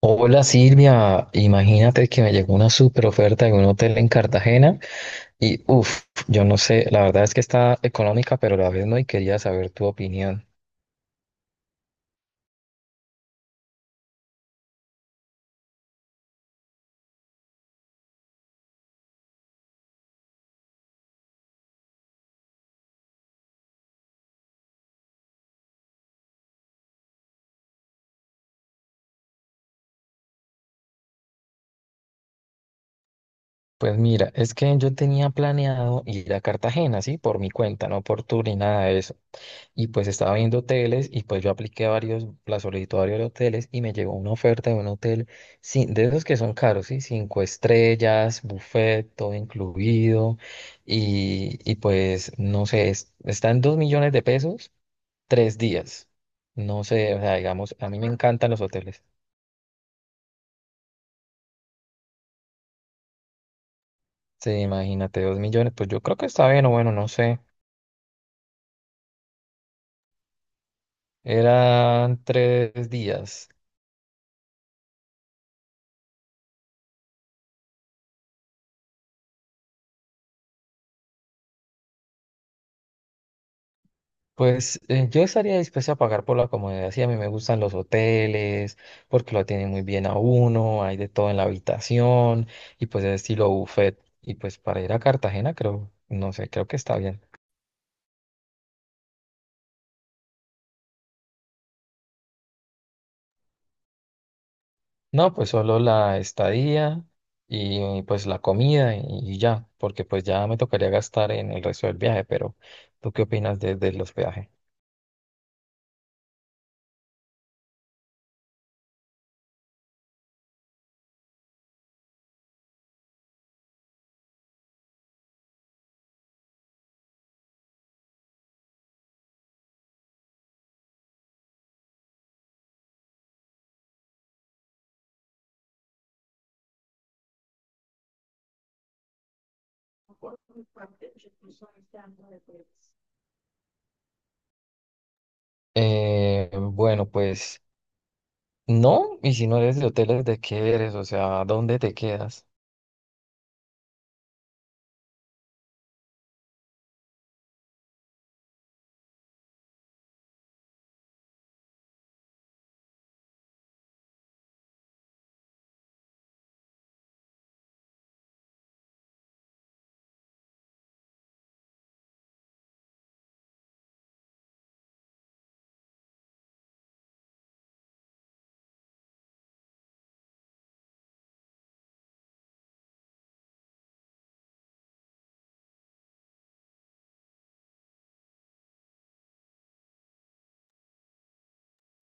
Hola Silvia, imagínate que me llegó una super oferta de un hotel en Cartagena y uff, yo no sé, la verdad es que está económica, pero a la vez no y quería saber tu opinión. Pues mira, es que yo tenía planeado ir a Cartagena, ¿sí? Por mi cuenta, no por tu ni nada de eso. Y pues estaba viendo hoteles y pues yo apliqué a varios, la solicitud a varios hoteles y me llegó una oferta de un hotel sin, de esos que son caros, ¿sí? 5 estrellas, buffet, todo incluido. Y pues no sé, está en 2 millones de pesos, 3 días. No sé, o sea, digamos, a mí me encantan los hoteles. Sí, imagínate, 2 millones, pues yo creo que está bien o bueno, no sé. Eran 3 días. Pues yo estaría dispuesto a pagar por la comodidad. Sí, a mí me gustan los hoteles, porque lo atienden muy bien a uno, hay de todo en la habitación, y pues es estilo buffet. Y pues para ir a Cartagena, creo, no sé, creo que está bien. No, pues solo la estadía y pues la comida y ya, porque pues ya me tocaría gastar en el resto del viaje, pero ¿tú qué opinas de, del hospedaje? Bueno, pues no, y si no eres de hoteles, ¿de qué eres? O sea, ¿dónde te quedas?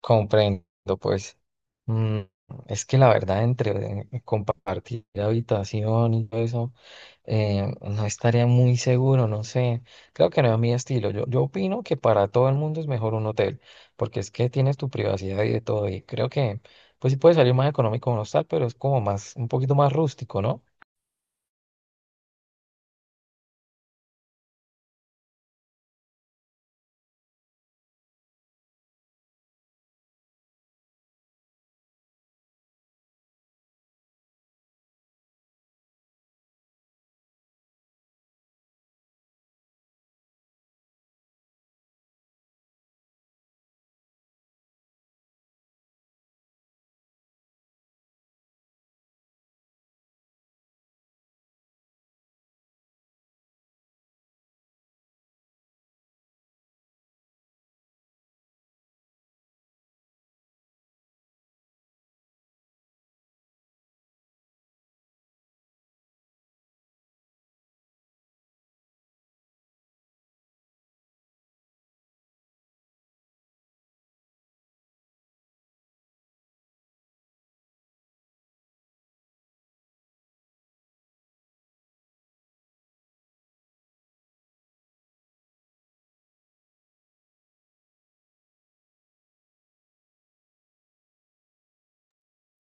Comprendo, pues. Mm, es que la verdad, entre compartir habitación y todo eso, no estaría muy seguro, no sé. Creo que no es mi estilo. Yo opino que para todo el mundo es mejor un hotel, porque es que tienes tu privacidad y de todo. Y creo que, pues sí puede salir más económico un hostal, pero es como más, un poquito más rústico, ¿no?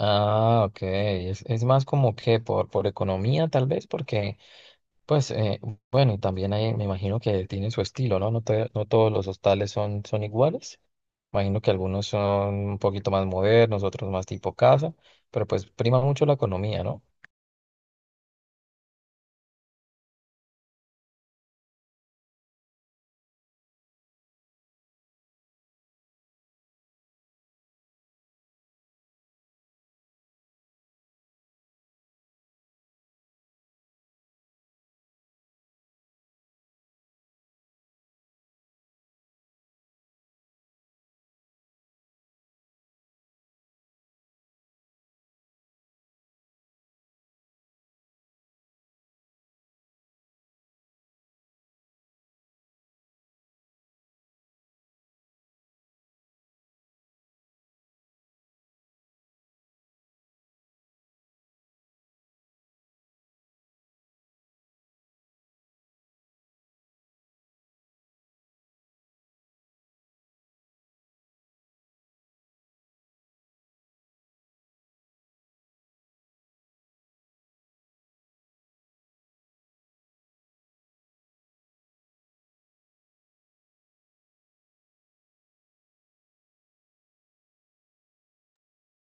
Ah, ok. Es más como que por economía, tal vez, porque pues bueno, y también hay, me imagino que tienen su estilo, ¿no? No, no todos los hostales son, son iguales. Imagino que algunos son un poquito más modernos, otros más tipo casa, pero pues prima mucho la economía, ¿no?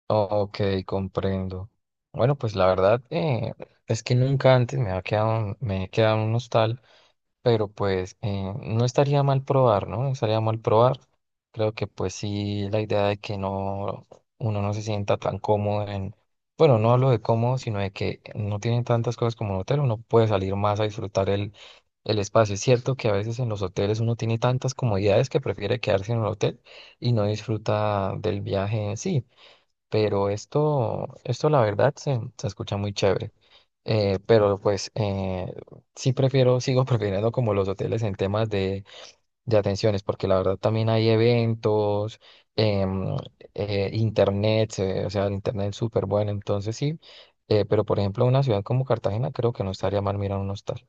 Ok, comprendo. Bueno, pues la verdad es que nunca antes me ha quedado, me he quedado en un hostal. Pero pues no estaría mal probar, ¿no? No estaría mal probar. Creo que pues sí, la idea de que no, uno no se sienta tan cómodo en, bueno, no hablo de cómodo, sino de que no tienen tantas cosas como un hotel, uno puede salir más a disfrutar el espacio. Es cierto que a veces en los hoteles uno tiene tantas comodidades que prefiere quedarse en el hotel y no disfruta del viaje en sí. Pero esto la verdad se escucha muy chévere. Pero pues sigo prefiriendo como los hoteles en temas de atenciones, porque la verdad también hay eventos, em, internet, o sea, el internet es súper bueno, entonces sí. Pero por ejemplo, una ciudad como Cartagena creo que no estaría mal mirar un hostal.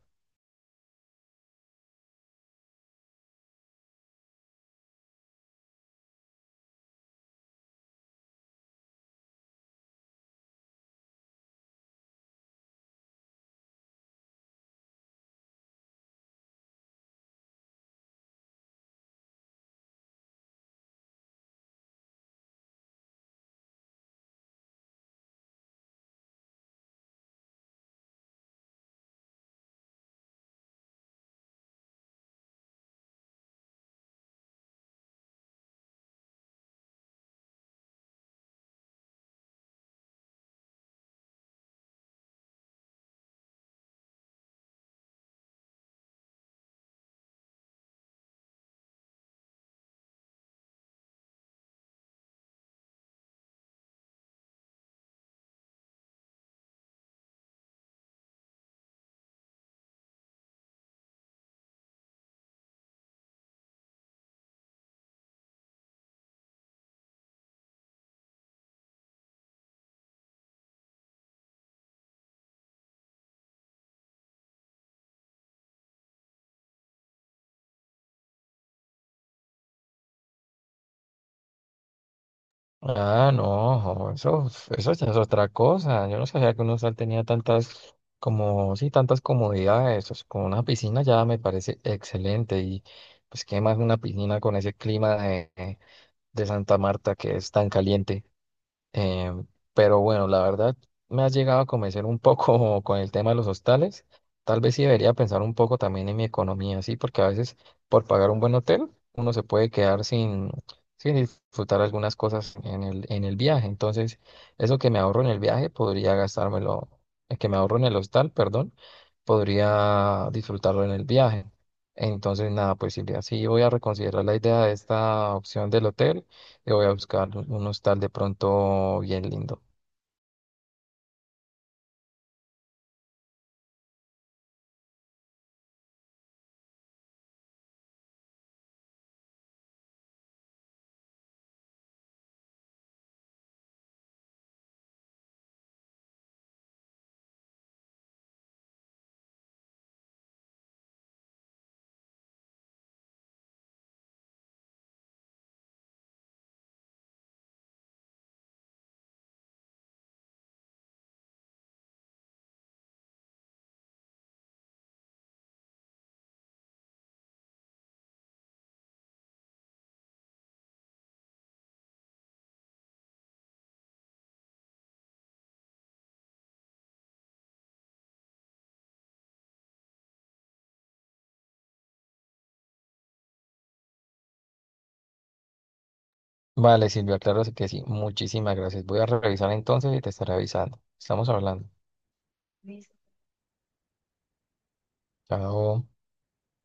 Ah, no, jo, eso ya es otra cosa. Yo no sabía que un hostal tenía tantas, como, sí, tantas comodidades. Pues, con una piscina ya me parece excelente. Y pues, ¿qué más una piscina con ese clima de Santa Marta que es tan caliente? Eh, pero bueno, la verdad me has llegado a convencer un poco con el tema de los hostales. Tal vez sí debería pensar un poco también en mi economía, sí, porque a veces por pagar un buen hotel uno se puede quedar sin, sin disfrutar algunas cosas en el viaje. Entonces, eso que me ahorro en el viaje podría gastármelo, que me ahorro en el hostal, perdón, podría disfrutarlo en el viaje. Entonces, nada, pues Silvia, sí voy a reconsiderar la idea de esta opción del hotel. Yo voy a buscar un hostal de pronto bien lindo. Vale, Silvia, claro que sí. Muchísimas gracias. Voy a revisar entonces y te estaré avisando. Estamos hablando. Chao.